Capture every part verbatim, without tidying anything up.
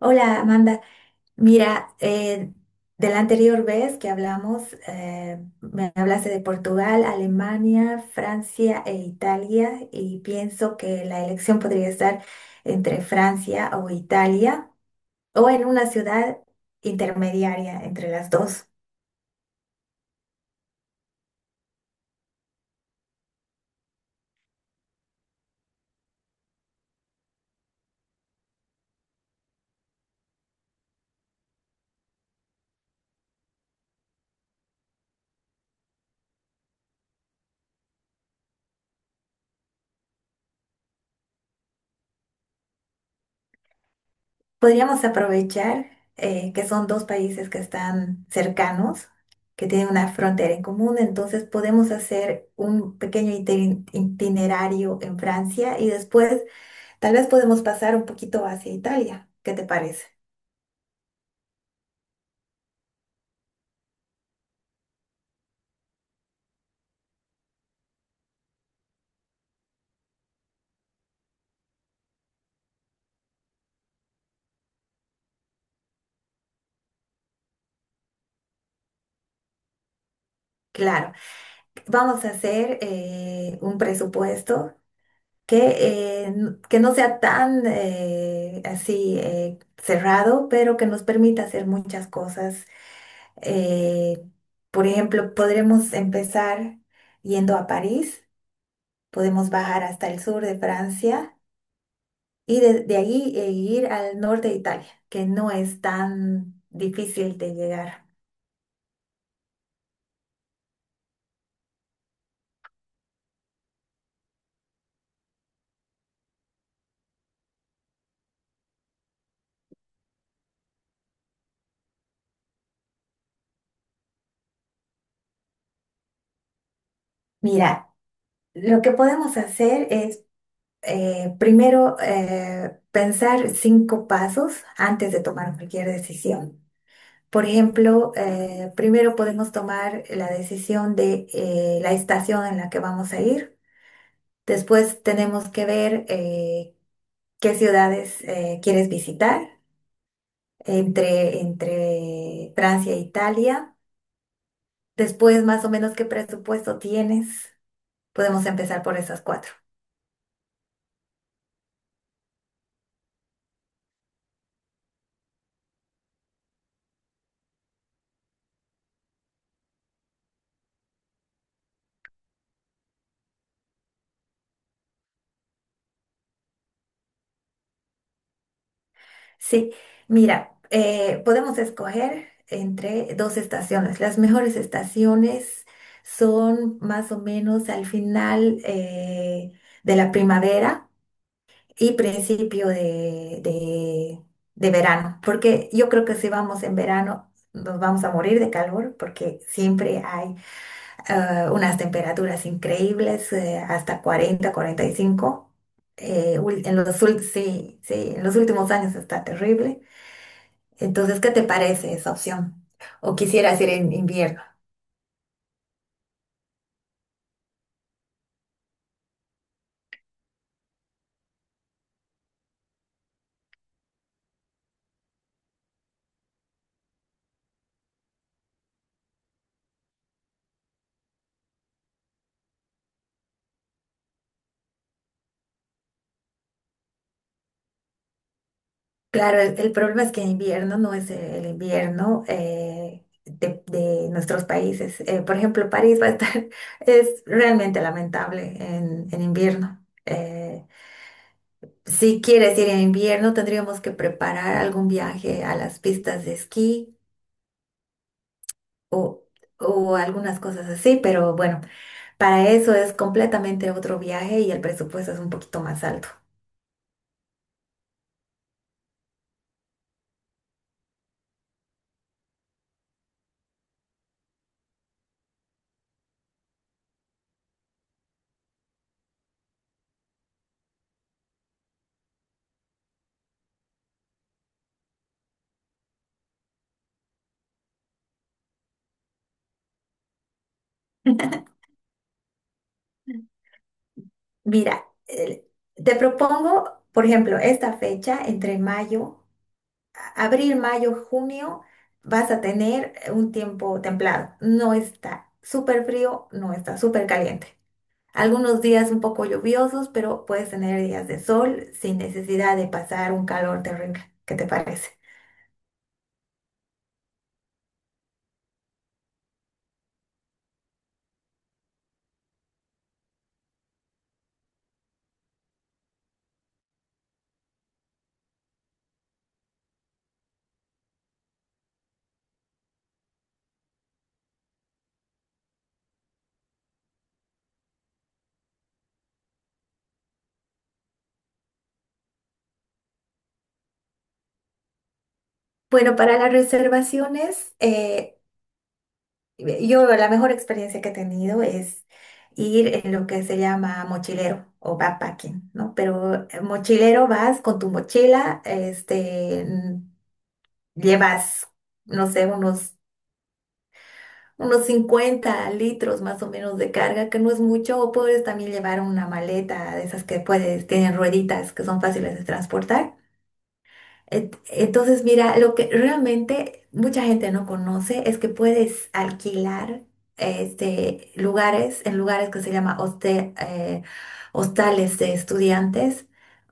Hola Amanda, mira, eh, de la anterior vez que hablamos, eh, me hablaste de Portugal, Alemania, Francia e Italia y pienso que la elección podría estar entre Francia o Italia o en una ciudad intermediaria entre las dos. Podríamos aprovechar eh, que son dos países que están cercanos, que tienen una frontera en común, entonces podemos hacer un pequeño iti- itinerario en Francia y después tal vez podemos pasar un poquito hacia Italia. ¿Qué te parece? Claro, vamos a hacer eh, un presupuesto que, eh, n- que no sea tan eh, así eh, cerrado, pero que nos permita hacer muchas cosas. Eh, por ejemplo, podremos empezar yendo a París, podemos bajar hasta el sur de Francia y desde de ahí eh, ir al norte de Italia, que no es tan difícil de llegar. Mira, lo que podemos hacer es eh, primero eh, pensar cinco pasos antes de tomar cualquier decisión. Por ejemplo, eh, primero podemos tomar la decisión de eh, la estación en la que vamos a ir. Después tenemos que ver eh, qué ciudades eh, quieres visitar entre, entre Francia e Italia. Después, más o menos, qué presupuesto tienes. Podemos empezar por esas cuatro. Sí, mira, eh, podemos escoger entre dos estaciones. Las mejores estaciones son más o menos al final eh, de la primavera y principio de, de, de verano, porque yo creo que si vamos en verano nos vamos a morir de calor porque siempre hay eh, unas temperaturas increíbles, eh, hasta cuarenta, cuarenta y cinco. eh, ul- en los, ul- sí, sí, en los últimos años está terrible. Entonces, ¿qué te parece esa opción? ¿O quisieras ir en invierno? Claro, el, el problema es que en invierno no es el invierno eh, de, de nuestros países. Eh, por ejemplo, París va a estar, es realmente lamentable en, en invierno. Eh, si quieres ir en invierno, tendríamos que preparar algún viaje a las pistas de esquí o, o algunas cosas así, pero bueno, para eso es completamente otro viaje y el presupuesto es un poquito más alto. Mira, el- te propongo, por ejemplo, esta fecha entre mayo, a- abril, mayo, junio, vas a tener eh, un tiempo templado. No está súper frío, no está súper caliente. Algunos días un poco lluviosos, pero puedes tener días de sol sin necesidad de pasar un calor terrible. ¿Qué te parece? Bueno, para las reservaciones, eh, Yo la mejor experiencia que he tenido es ir en lo que se llama mochilero o backpacking, ¿no? Pero eh, mochilero vas con tu mochila, este, mm, llevas, no sé, unos, unos cincuenta litros más o menos de carga, que no es mucho, o puedes también llevar una maleta de esas que puedes, tienen rueditas que son fáciles de transportar. Et- Entonces, mira, lo que realmente mucha gente no conoce es que puedes alquilar este, lugares en lugares que se llama hoste- eh, hostales de estudiantes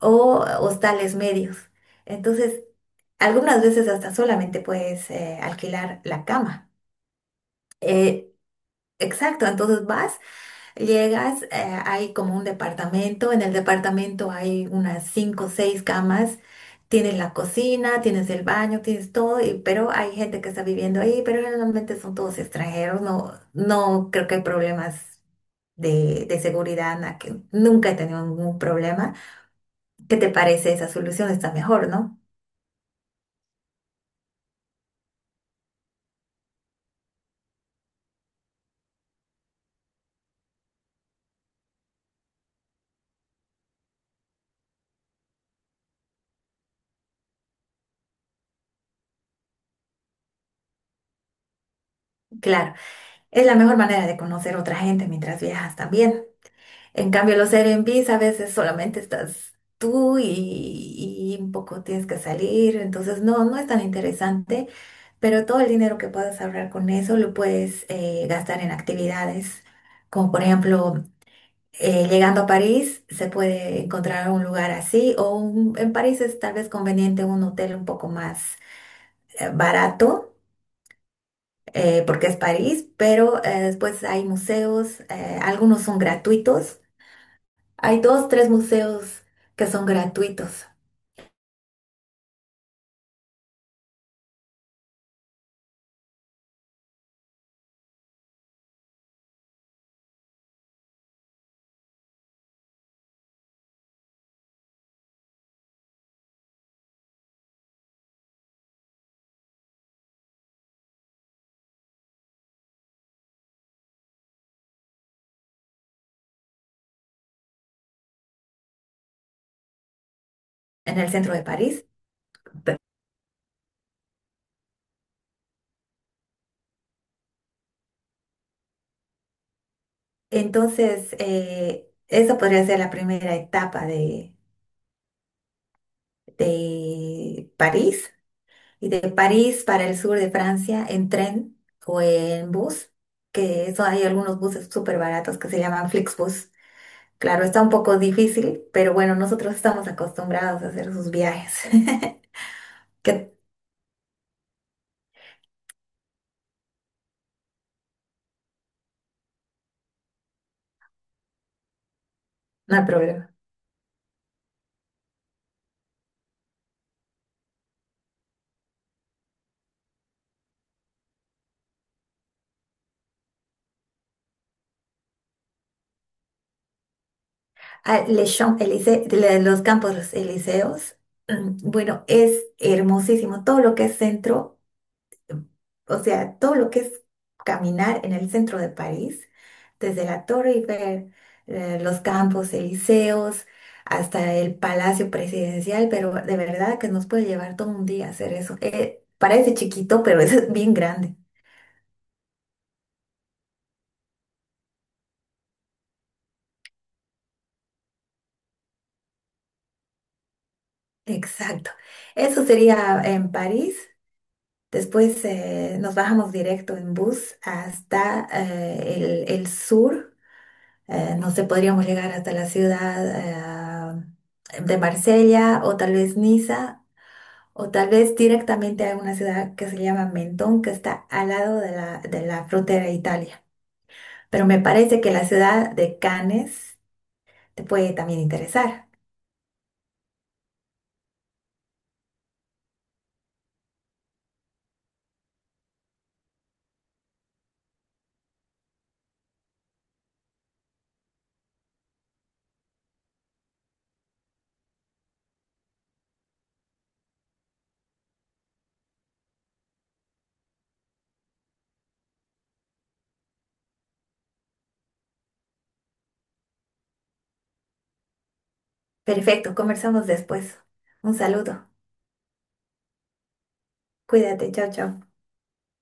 o hostales medios. Entonces, algunas veces hasta solamente puedes eh, alquilar la cama. Eh, exacto, entonces vas Llegas, eh, hay como un departamento, en el departamento hay unas cinco o seis camas, tienes la cocina, tienes el baño, tienes todo, y- pero hay gente que está viviendo ahí, pero generalmente son todos extranjeros, no, no creo que hay problemas de, de seguridad, na- que nunca he tenido ningún problema. ¿Qué te parece esa solución? Está mejor, ¿no? Claro, es la mejor manera de conocer otra gente mientras viajas también, ¿no? En cambio, los Airbnbs a veces solamente estás tú y, y un poco tienes que salir, entonces no, no es tan interesante, pero todo el dinero que puedas ahorrar con eso lo puedes eh, gastar en actividades, como por ejemplo, eh, llegando a París se puede encontrar un lugar así, o un- en París es tal vez conveniente un hotel un poco más eh, barato. Eh, porque es París, pero eh, después hay museos, eh, algunos son gratuitos. Hay dos, tres museos que son gratuitos en el centro de París. Pe- Entonces, eh, esa podría ser la primera etapa de, de París. Y de París para el sur de Francia en tren o en bus, que eso hay algunos buses súper baratos que se llaman Flixbus. Claro, está un poco difícil, pero bueno, nosotros estamos acostumbrados a hacer sus viajes. Que no hay problema. Ah, Les Champs Élysées, la- los Campos Elíseos. mm, Bueno, es hermosísimo. Todo lo que es centro, o sea, todo lo que es caminar en el centro de París, desde la Torre y ver eh, los Campos Elíseos hasta el Palacio Presidencial, pero de verdad que nos puede llevar todo un día hacer eso. Eh, parece chiquito, pero es bien grande. Exacto. Eso sería en París. Después eh, nos bajamos directo en bus hasta eh, el, el sur. Eh, no sé, podríamos llegar hasta la ciudad eh, de Marsella o tal vez Niza o tal vez directamente a una ciudad que se llama Mentón, que está al lado de la, de la frontera de Italia. Pero me parece que la ciudad de Cannes te puede también interesar. Perfecto, conversamos después. Un saludo. Cuídate, chao, chao.